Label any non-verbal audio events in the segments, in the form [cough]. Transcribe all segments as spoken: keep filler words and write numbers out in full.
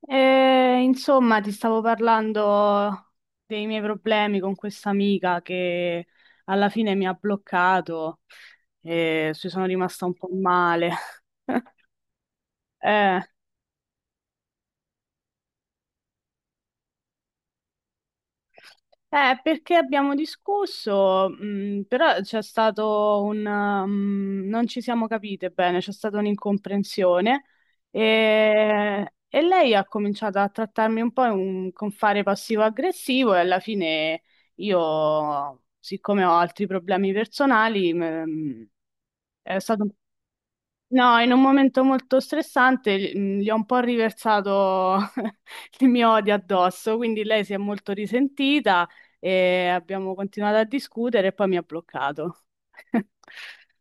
E, insomma, ti stavo parlando dei miei problemi con questa amica che alla fine mi ha bloccato e ci sono rimasta un po' male. [laughs] Eh. Eh, perché abbiamo discusso, mh, però c'è stato un... um, non ci siamo capite bene, c'è stata un'incomprensione e, e lei ha cominciato a trattarmi un po' in- con fare passivo-aggressivo e alla fine io, siccome ho altri problemi personali. Mh, è stato un No, in un momento molto stressante gli mh, gli ho un po' riversato [laughs] il mio odio addosso, quindi lei si è molto risentita e abbiamo continuato a discutere e poi mi ha bloccato. [laughs]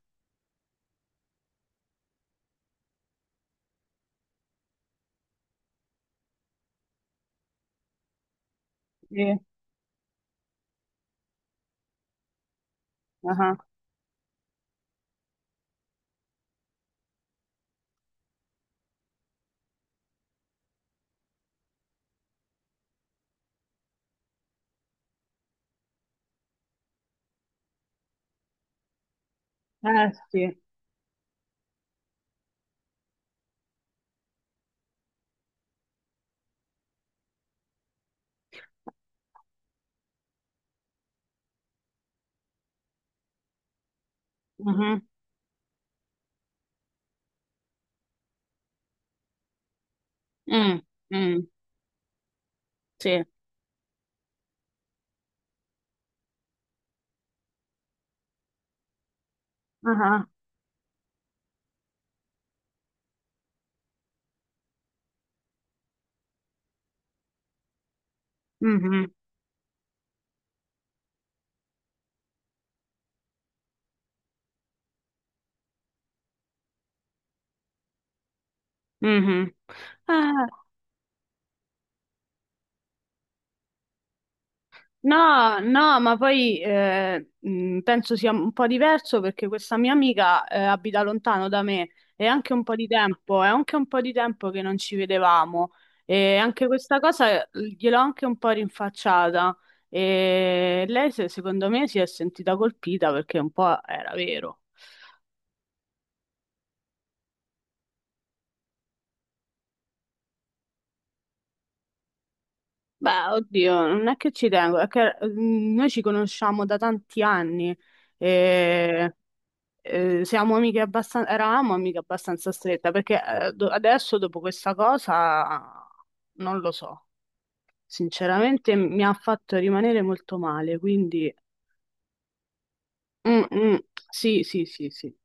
Sì. Ah. Eh sì. Mhm. Mm, mm, sì. Ah. Mhm. Mhm. Ah. No, no, ma poi eh, mh, penso sia un po' diverso perché questa mia amica eh, abita lontano da me e anche un po' di tempo, è anche un po' di tempo che non ci vedevamo e anche questa cosa eh, gliel'ho anche un po' rinfacciata e lei se- secondo me si è sentita colpita perché un po' era vero. Beh, oddio, non è che ci tengo, è che mh, noi ci conosciamo da tanti anni. E... eh, siamo amiche abbastanza, Eravamo amiche abbastanza strette, perché eh, do- adesso dopo questa cosa non lo so, sinceramente mi ha fatto rimanere molto male, quindi mm, mm, sì, sì, sì, sì.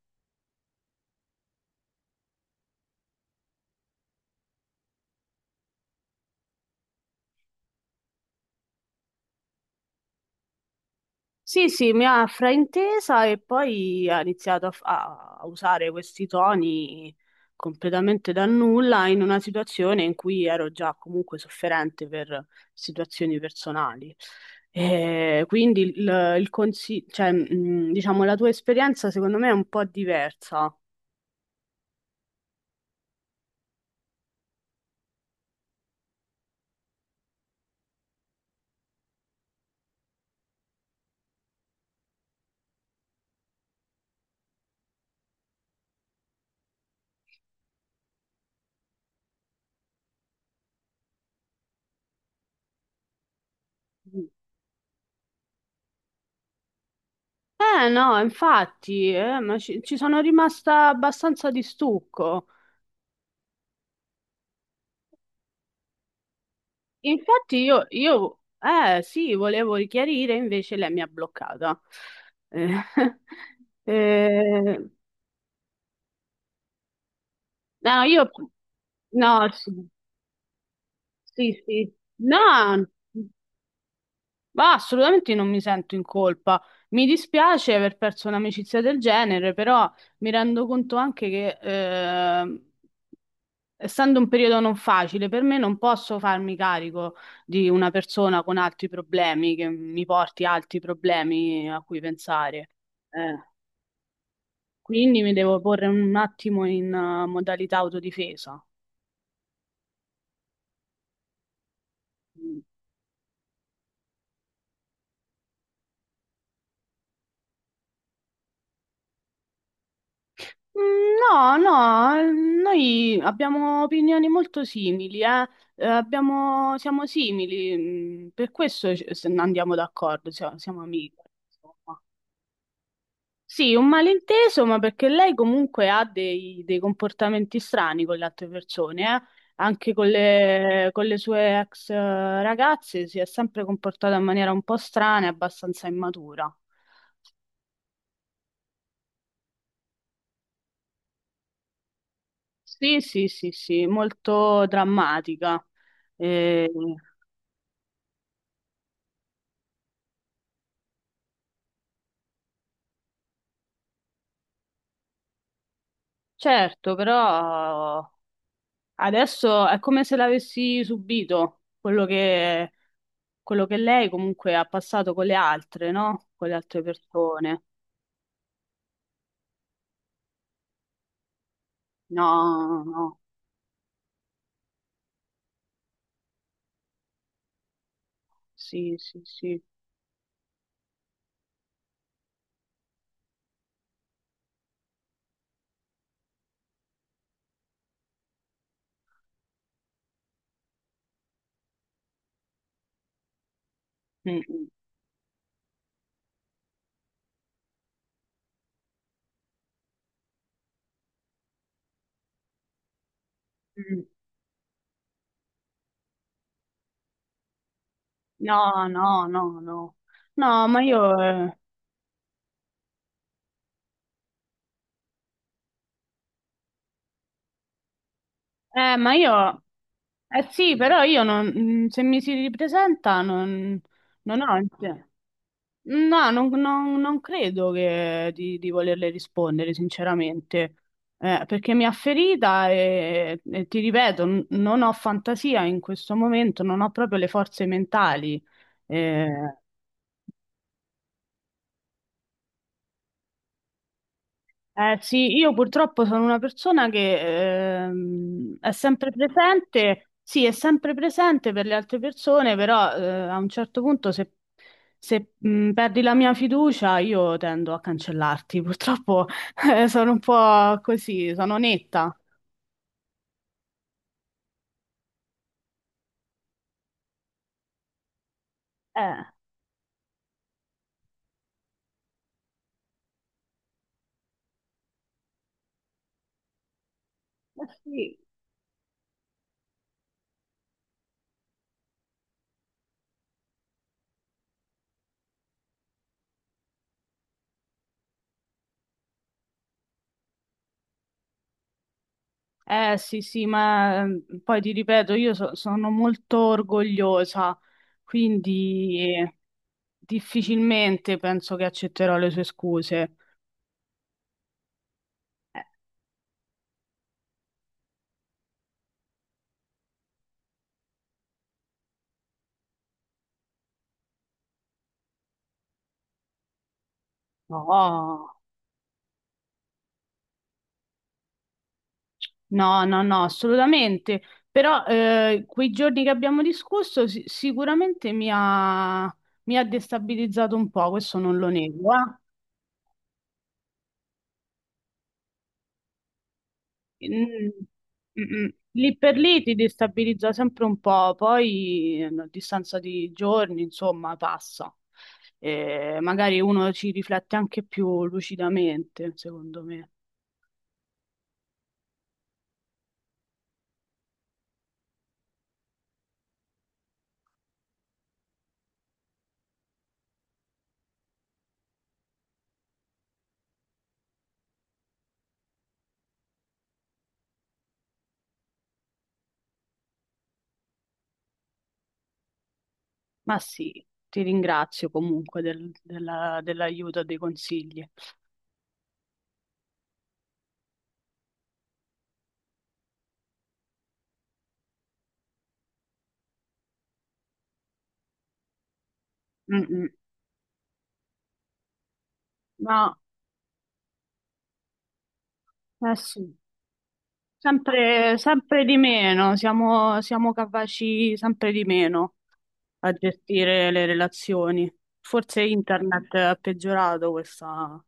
Sì, sì, mi ha fraintesa e poi ha iniziato a, f- a- a usare questi toni completamente da nulla in una situazione in cui ero già comunque sofferente per situazioni personali. E quindi il, il consi- cioè, mh, diciamo, la tua esperienza secondo me è un po' diversa. Eh no, infatti, eh, ma ci, ci sono rimasta abbastanza di stucco. Infatti io, io eh, sì, volevo richiarire, invece lei mi ha bloccata. Eh, [laughs] eh, no, io, no, sì, sì, sì. No, ma assolutamente non mi sento in colpa. Mi dispiace aver perso un'amicizia del genere, però mi rendo conto anche che, eh, essendo un periodo non facile per me, non posso farmi carico di una persona con altri problemi, che mi porti altri problemi a cui pensare. Eh, quindi mi devo porre un attimo in eh, modalità autodifesa. Mm. No, no, noi abbiamo opinioni molto simili, eh. Eh, abbiamo- siamo simili, mm, per questo ci- se- andiamo d'accordo, siamo, siamo amici. Insomma. Sì, un malinteso, ma perché lei comunque ha dei, dei comportamenti strani con le altre persone, eh. Anche con le, con le sue ex eh, ragazze si è sempre comportata in maniera un po' strana e abbastanza immatura. Sì, sì, sì, sì, molto drammatica. Eh, certo, però adesso è come se l'avessi subito quello che, quello che lei comunque ha passato con le altre, no? Con le altre persone. No, no. No. Sì, sì, sì. Mm, mm, mm. No, no, no, no. No, ma io... Eh, eh, ma io... Eh sì, però io non, mm, se mi si ripresenta non, non ho... inte- No, non, non- non credo che di, di volerle rispondere, sinceramente. Eh, perché mi ha ferita e, e ti ripeto, n- non ho fantasia in questo momento, non ho proprio le forze mentali. Eh, Eh, sì, io purtroppo sono una persona che ehm, è sempre presente, sì, è sempre presente per le altre persone, però eh, a un certo punto se, se, mh, perdi la mia fiducia io tendo a cancellarti, purtroppo [laughs] eh, sono un po' così, sono netta. Eh, eh sì. Eh, sì, sì, ma ehm, poi ti ripeto, io so- sono molto orgogliosa, quindi difficilmente penso che accetterò le sue scuse. Eh, No, no, no, no, assolutamente. Però eh, quei giorni che abbiamo discusso si- sicuramente mi ha, mi ha destabilizzato un po', questo non lo nego. Eh. Mm, mm, mm. Lì per lì ti destabilizza sempre un po', poi eh, a distanza di giorni, insomma, passa. Eh, magari uno ci riflette anche più lucidamente, secondo me. Ma sì, ti ringrazio comunque del- della- dell'aiuto e dei consigli. Mm, mm. No, eh sì. Sempre, sempre di meno, siamo, siamo capaci sempre di meno a gestire le relazioni. Forse internet ha peggiorato questa,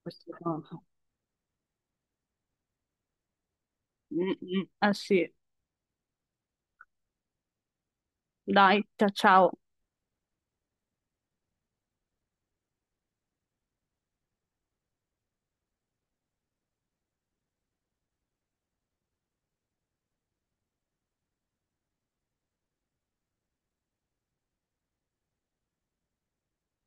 questa cosa. Mm, mm. Eh sì, dai, ciao ciao.